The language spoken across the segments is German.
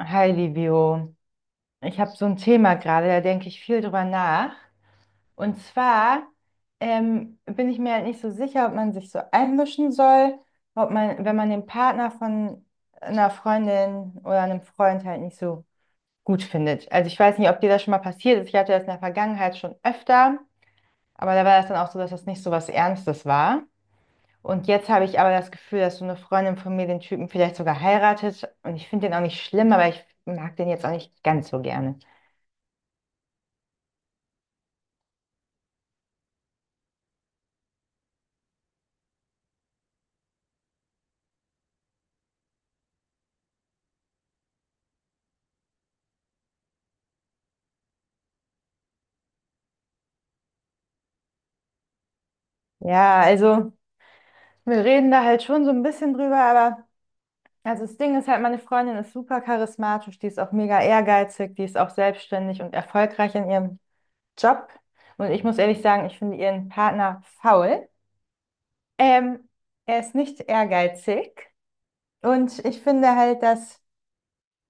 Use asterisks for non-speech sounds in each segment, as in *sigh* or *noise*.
Hi, Livio. Ich habe so ein Thema gerade, da denke ich viel drüber nach. Und zwar bin ich mir halt nicht so sicher, ob man sich so einmischen soll, ob man, wenn man den Partner von einer Freundin oder einem Freund halt nicht so gut findet. Also ich weiß nicht, ob dir das schon mal passiert ist. Ich hatte das in der Vergangenheit schon öfter, aber da war das dann auch so, dass das nicht so was Ernstes war. Und jetzt habe ich aber das Gefühl, dass so eine Freundin von mir den Typen vielleicht sogar heiratet. Und ich finde den auch nicht schlimm, aber ich mag den jetzt auch nicht ganz so gerne. Ja, also wir reden da halt schon so ein bisschen drüber, aber also das Ding ist halt, meine Freundin ist super charismatisch, die ist auch mega ehrgeizig, die ist auch selbstständig und erfolgreich in ihrem Job. Und ich muss ehrlich sagen, ich finde ihren Partner faul. Ähm, Er ist nicht ehrgeizig und ich finde halt, dass,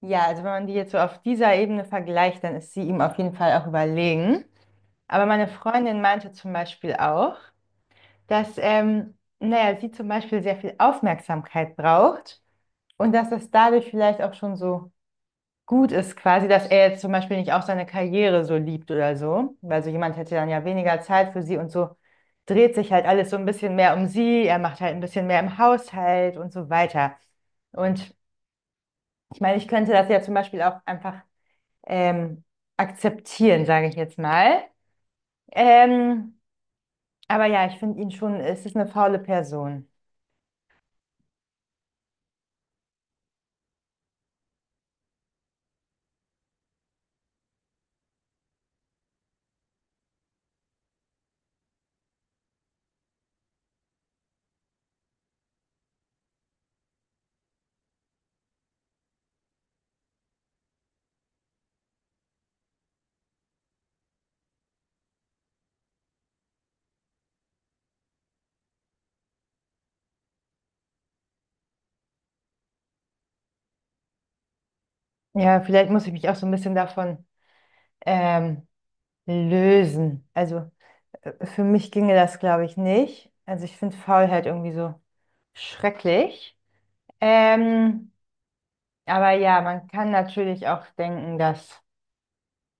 ja, also wenn man die jetzt so auf dieser Ebene vergleicht, dann ist sie ihm auf jeden Fall auch überlegen. Aber meine Freundin meinte zum Beispiel auch, dass naja, sie zum Beispiel sehr viel Aufmerksamkeit braucht und dass das dadurch vielleicht auch schon so gut ist, quasi, dass er jetzt zum Beispiel nicht auch seine Karriere so liebt oder so, weil so jemand hätte dann ja weniger Zeit für sie und so dreht sich halt alles so ein bisschen mehr um sie, er macht halt ein bisschen mehr im Haushalt und so weiter. Und ich meine, ich könnte das ja zum Beispiel auch einfach ähm, akzeptieren, sage ich jetzt mal. Ähm, aber ja, ich finde ihn schon, es ist eine faule Person. Ja, vielleicht muss ich mich auch so ein bisschen davon ähm, lösen. Also für mich ginge das, glaube ich, nicht. Also ich finde Faulheit irgendwie so schrecklich. Ähm, aber ja, man kann natürlich auch denken, dass,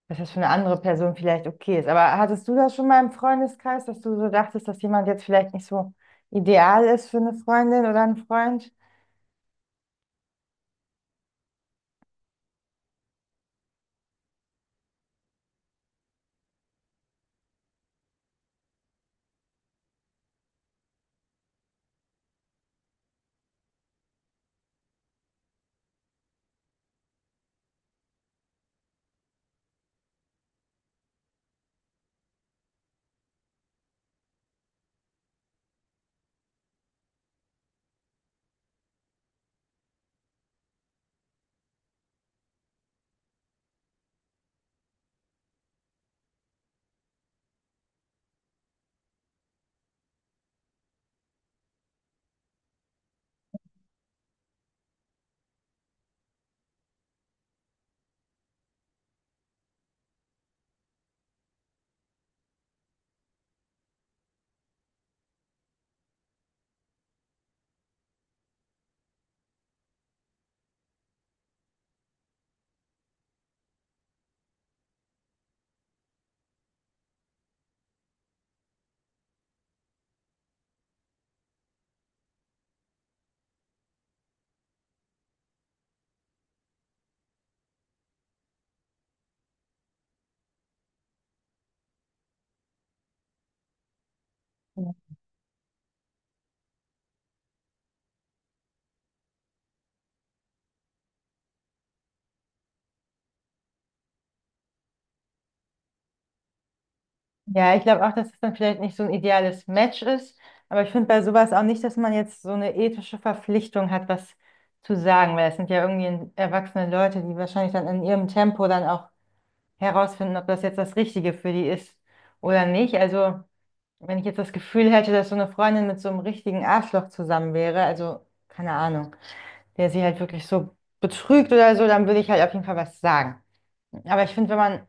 dass das für eine andere Person vielleicht okay ist. Aber hattest du das schon mal im Freundeskreis, dass du so dachtest, dass jemand jetzt vielleicht nicht so ideal ist für eine Freundin oder einen Freund? Ja, ich glaube auch, dass es dann vielleicht nicht so ein ideales Match ist. Aber ich finde bei sowas auch nicht, dass man jetzt so eine ethische Verpflichtung hat, was zu sagen, weil es sind ja irgendwie erwachsene Leute, die wahrscheinlich dann in ihrem Tempo dann auch herausfinden, ob das jetzt das Richtige für die ist oder nicht. Also, wenn ich jetzt das Gefühl hätte, dass so eine Freundin mit so einem richtigen Arschloch zusammen wäre, also keine Ahnung, der sie halt wirklich so betrügt oder so, dann würde ich halt auf jeden Fall was sagen. Aber ich finde, wenn man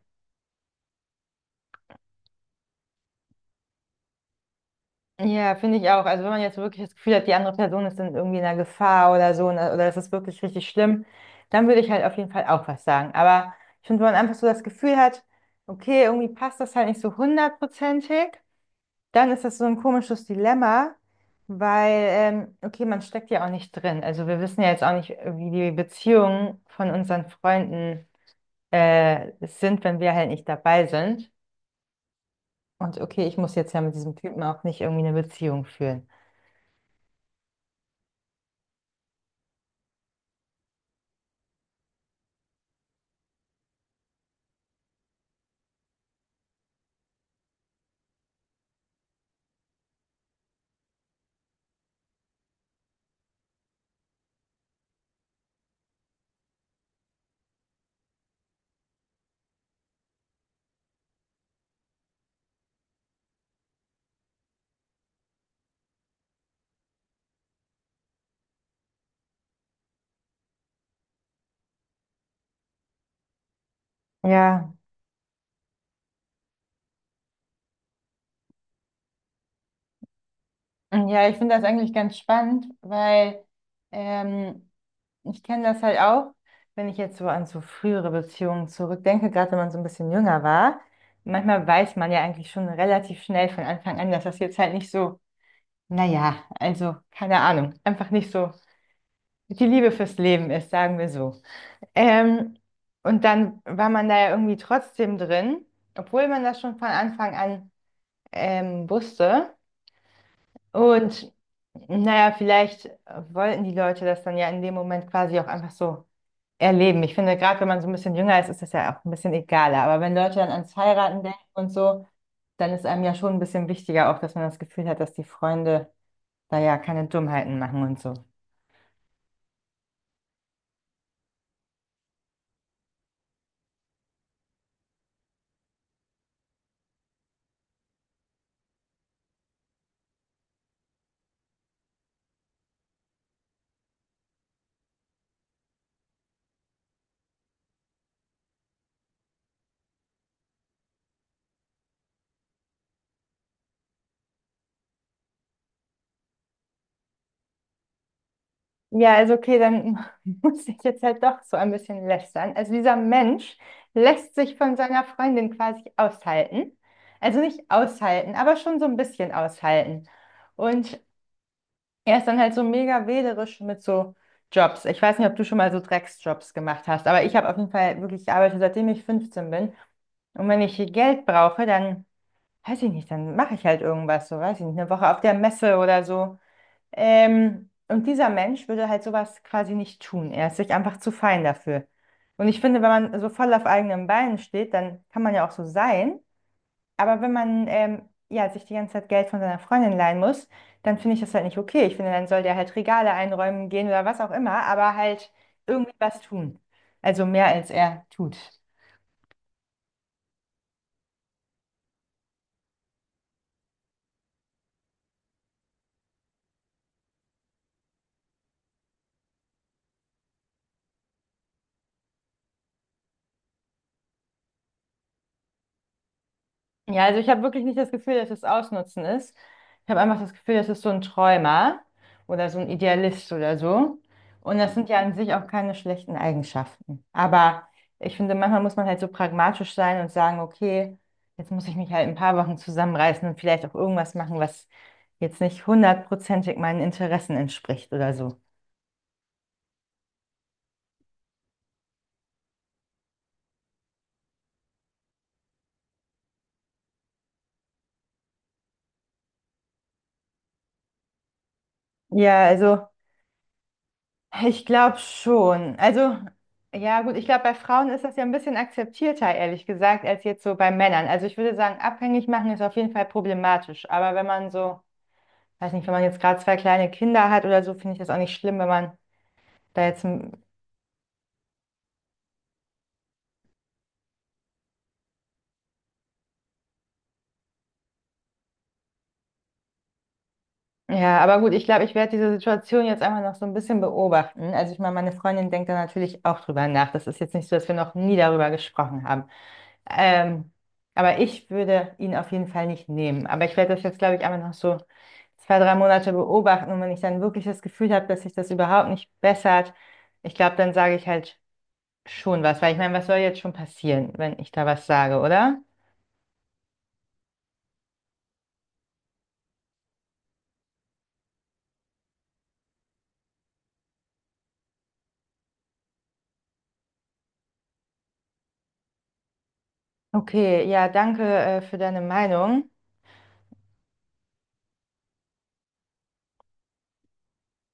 ja, finde ich auch. Also wenn man jetzt wirklich das Gefühl hat, die andere Person ist dann irgendwie in einer Gefahr oder so, ne, oder es ist wirklich richtig schlimm, dann würde ich halt auf jeden Fall auch was sagen. Aber ich finde, wenn man einfach so das Gefühl hat, okay, irgendwie passt das halt nicht so hundertprozentig, dann ist das so ein komisches Dilemma, weil, okay, man steckt ja auch nicht drin. Also wir wissen ja jetzt auch nicht, wie die Beziehungen von unseren Freunden, sind, wenn wir halt nicht dabei sind. Und okay, ich muss jetzt ja mit diesem Typen auch nicht irgendwie eine Beziehung führen. Ja, ja, ich finde das eigentlich ganz spannend, weil ähm, ich kenne das halt auch, wenn ich jetzt so an so frühere Beziehungen zurückdenke, gerade wenn man so ein bisschen jünger war. Manchmal weiß man ja eigentlich schon relativ schnell von Anfang an, dass das jetzt halt nicht so, naja, also keine Ahnung, einfach nicht so die Liebe fürs Leben ist, sagen wir so. Ähm, und dann war man da ja irgendwie trotzdem drin, obwohl man das schon von Anfang an wusste. Und naja, vielleicht wollten die Leute das dann ja in dem Moment quasi auch einfach so erleben. Ich finde, gerade wenn man so ein bisschen jünger ist, ist das ja auch ein bisschen egaler. Aber wenn Leute dann ans Heiraten denken und so, dann ist einem ja schon ein bisschen wichtiger auch, dass man das Gefühl hat, dass die Freunde da ja keine Dummheiten machen und so. Ja, also okay, dann *laughs* muss ich jetzt halt doch so ein bisschen lästern. Also dieser Mensch lässt sich von seiner Freundin quasi aushalten. Also nicht aushalten, aber schon so ein bisschen aushalten. Und er ist dann halt so mega wählerisch mit so Jobs. Ich weiß nicht, ob du schon mal so Drecksjobs gemacht hast, aber ich habe auf jeden Fall wirklich gearbeitet, seitdem ich 15 bin. Und wenn ich Geld brauche, dann weiß ich nicht, dann mache ich halt irgendwas, so weiß ich nicht, eine Woche auf der Messe oder so. Und dieser Mensch würde halt sowas quasi nicht tun. Er ist sich einfach zu fein dafür. Und ich finde, wenn man so voll auf eigenen Beinen steht, dann kann man ja auch so sein. Aber wenn man ja, sich die ganze Zeit Geld von seiner Freundin leihen muss, dann finde ich das halt nicht okay. Ich finde, dann soll der halt Regale einräumen gehen oder was auch immer, aber halt irgendwie was tun. Also mehr als er tut. Ja, also ich habe wirklich nicht das Gefühl, dass es Ausnutzen ist. Ich habe einfach das Gefühl, das ist so ein Träumer oder so ein Idealist oder so. Und das sind ja an sich auch keine schlechten Eigenschaften. Aber ich finde, manchmal muss man halt so pragmatisch sein und sagen, okay, jetzt muss ich mich halt in ein paar Wochen zusammenreißen und vielleicht auch irgendwas machen, was jetzt nicht hundertprozentig meinen Interessen entspricht oder so. Ja, also. Ich glaube schon. Also, ja, gut, ich glaube, bei Frauen ist das ja ein bisschen akzeptierter, ehrlich gesagt, als jetzt so bei Männern. Also, ich würde sagen, abhängig machen ist auf jeden Fall problematisch. Aber wenn man so, weiß nicht, wenn man jetzt gerade zwei kleine Kinder hat oder so, finde ich das auch nicht schlimm, wenn man da jetzt. Ein- Ja, aber gut, ich glaube, ich werde diese Situation jetzt einfach noch so ein bisschen beobachten. Also, ich meine, meine Freundin denkt da natürlich auch drüber nach. Das ist jetzt nicht so, dass wir noch nie darüber gesprochen haben. Ähm, aber ich würde ihn auf jeden Fall nicht nehmen. Aber ich werde das jetzt, glaube ich, einfach noch so zwei, drei Monate beobachten und wenn ich dann wirklich das Gefühl habe, dass sich das überhaupt nicht bessert, ich glaube, dann sage ich halt schon was, weil ich meine, was soll jetzt schon passieren, wenn ich da was sage, oder? Okay, ja, danke, für deine Meinung.